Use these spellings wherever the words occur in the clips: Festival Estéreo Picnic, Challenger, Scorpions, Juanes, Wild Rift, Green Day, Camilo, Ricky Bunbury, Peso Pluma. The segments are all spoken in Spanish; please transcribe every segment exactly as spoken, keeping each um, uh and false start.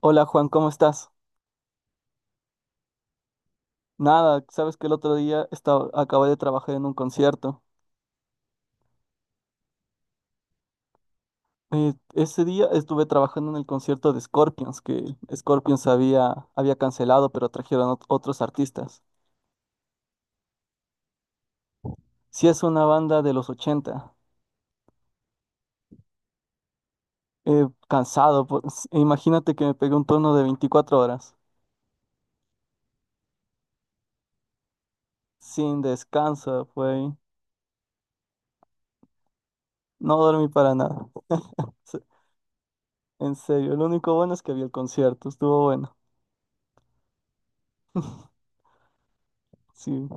Hola Juan, ¿cómo estás? Nada, sabes que el otro día estaba, acabé de trabajar en un concierto. Eh, ese día estuve trabajando en el concierto de Scorpions, que Scorpions había, había cancelado, pero trajeron ot- otros artistas. Si es una banda de los ochenta. Eh, cansado, pues, e imagínate que me pegué un turno de veinticuatro horas, sin descanso, fue. No dormí para nada. Se- En serio, lo único bueno es que había el concierto, estuvo bueno. Sí.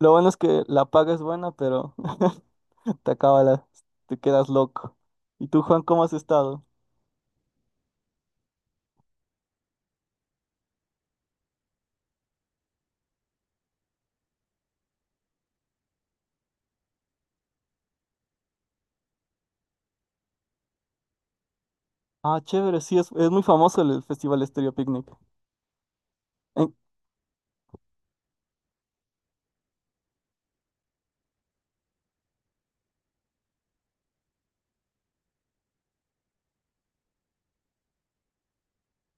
Lo bueno es que la paga es buena, pero te acaba la, te quedas loco. ¿Y tú, Juan, cómo has estado? Ah, chévere, sí, es, es muy famoso el Festival Estéreo Picnic. En-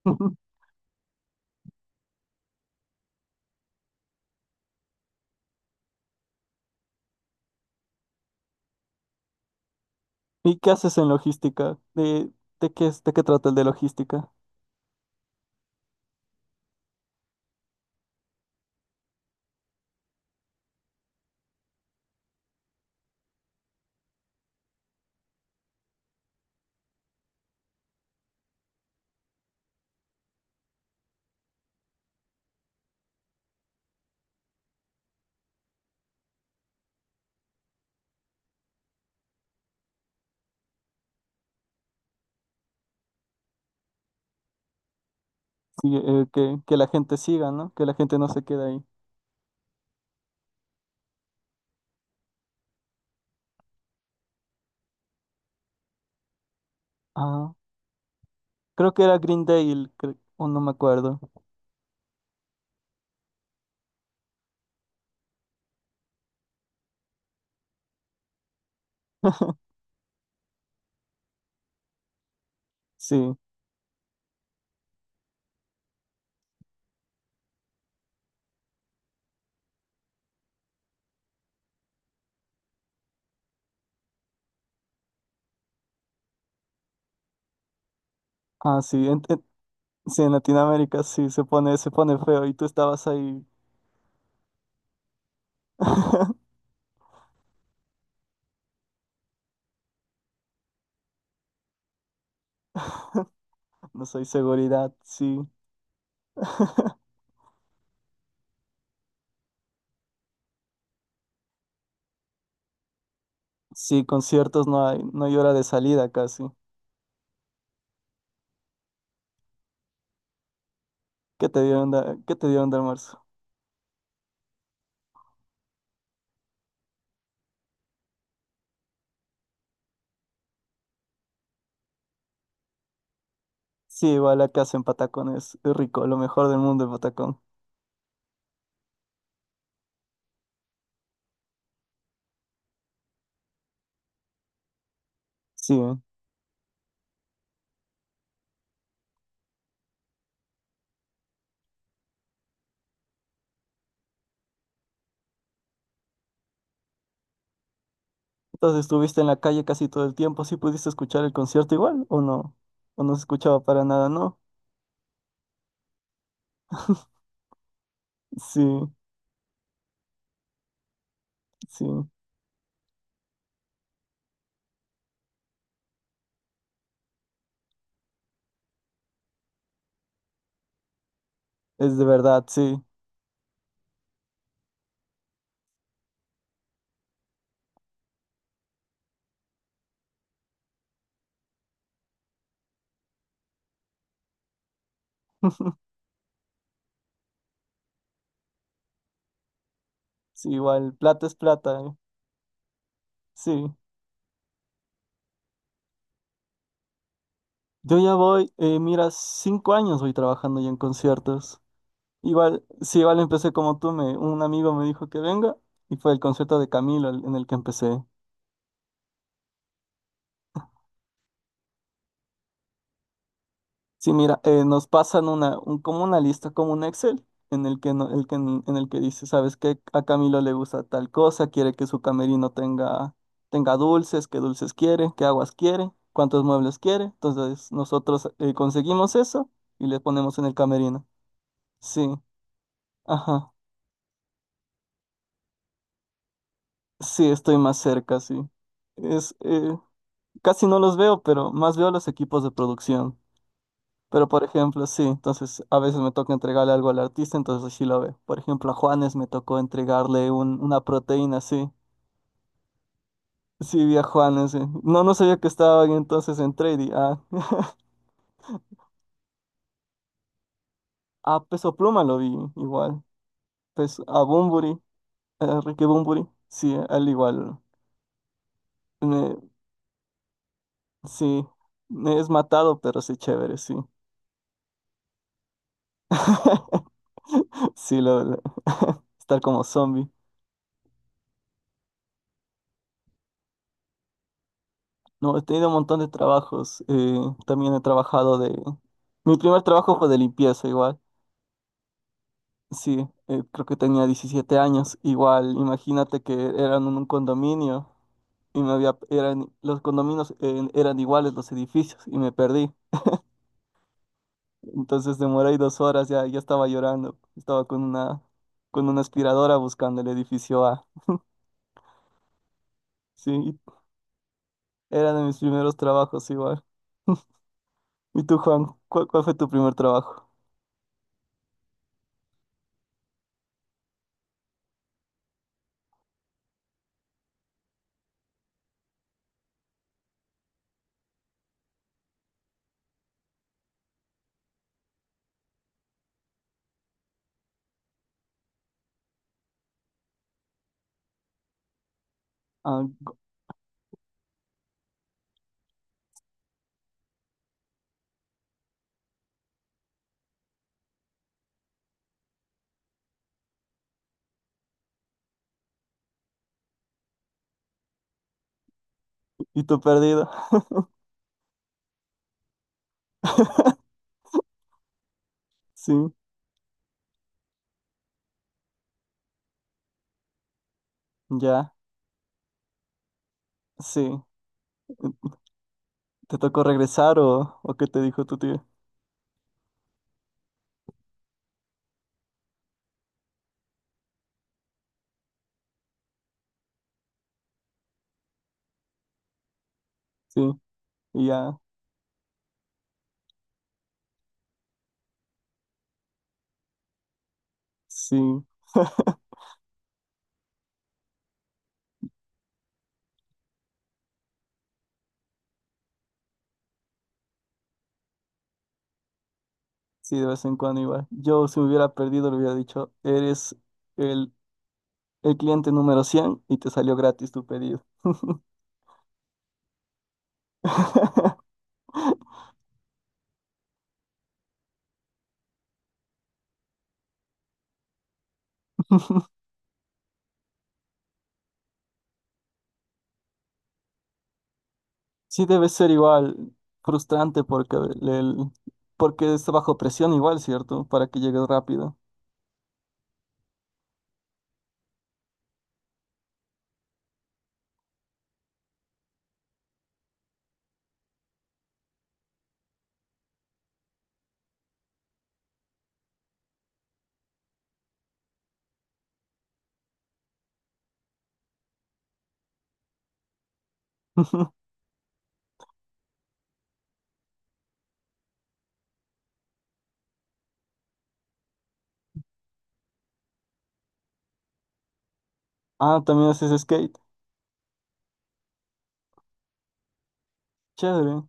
¿Y qué haces en logística? ¿De, de qué, es- de qué trata el de logística? Sí, eh, que, que la gente siga, ¿no? Que la gente no se quede ahí. Ah, creo que era Green Day, el cre- o no me acuerdo. Sí, ah, sí, en, en- sí, en Latinoamérica sí, se pone, se pone feo y tú estabas ahí. No soy seguridad, sí. Sí, conciertos no hay, no hay hora de salida casi. ¿Qué te dio onda? ¿Qué te dio onda, almuerzo? Sí, igual la casa en Patacón es rico, lo mejor del mundo en Patacón. Sí. ¿Eh? Entonces estuviste en la calle casi todo el tiempo, ¿sí pudiste escuchar el concierto igual o no? ¿O no se escuchaba para nada, no? Sí, sí, es de verdad, sí. Sí, igual, plata es plata, ¿eh? Sí. Yo ya voy, eh, mira, cinco años voy trabajando ya en conciertos. Igual, sí, igual empecé como tú, me, un amigo me dijo que venga y fue el concierto de Camilo el- en el que empecé. Sí, mira, eh, nos pasan una, un, como una lista, como un Excel, en el que, no- el que, en el que dice, ¿sabes qué? A Camilo le gusta tal cosa, quiere que su camerino tenga, tenga dulces, qué dulces quiere, qué aguas quiere, cuántos muebles quiere. Entonces nosotros eh, conseguimos eso y le ponemos en el camerino. Sí, ajá, sí, estoy más cerca, sí. Es, eh, Casi no los veo, pero más veo los equipos de producción. Pero por ejemplo, sí, entonces a veces me toca entregarle algo al artista, entonces sí lo ve. Por ejemplo, a Juanes me tocó entregarle un, una proteína, sí. Sí, vi a Juanes, sí. No, no sabía que estaba ahí entonces entré y di, ah. A Peso Pluma lo vi igual. Pues a Bunbury, a Ricky Bunbury, sí, a él igual. Me- sí, me es matado, pero sí chévere, sí. Sí, lo, lo- estar como zombie. No, he tenido un montón de trabajos. Eh, también he trabajado de... Mi primer trabajo fue de limpieza igual. Sí, eh, creo que tenía diecisiete años. Igual, imagínate que eran en un condominio y me había... eran... los condominios eh, eran iguales los edificios y me perdí. Entonces demoré ahí dos horas, ya, ya estaba llorando. Estaba con una, con una aspiradora buscando el edificio A. Sí, era de mis primeros trabajos igual. ¿Y tú, Juan? ¿Cuál, cuál fue tu primer trabajo? Ah, ¿y tu perdida? Sí. Ya, sí. ¿Te tocó regresar o, o qué te dijo tu tío? Sí, y ya, sí. Sí, de vez en cuando igual. Yo si me hubiera perdido le hubiera dicho, eres el, el cliente número cien y te salió gratis tu pedido. Sí, debe ser igual frustrante porque, el, el- porque está bajo presión igual, ¿cierto? Para que llegues rápido. Ah, también haces skate. Chévere.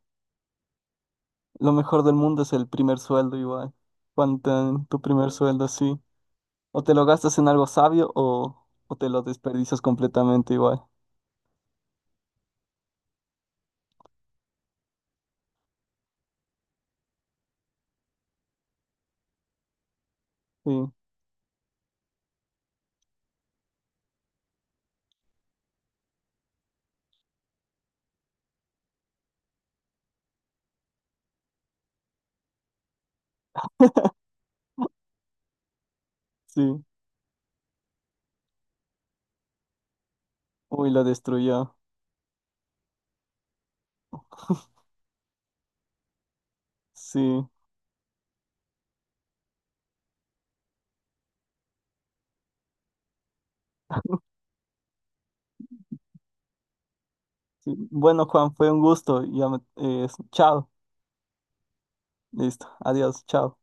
Lo mejor del mundo es el primer sueldo igual. Cuando te dan tu primer sueldo, sí. O te lo gastas en algo sabio o, o te lo desperdicias completamente igual. Sí, sí. Uy, lo destruyó. Sí, sí. Bueno, Juan, fue un gusto. Ya me- eh, chao. Listo. Adiós. Chao.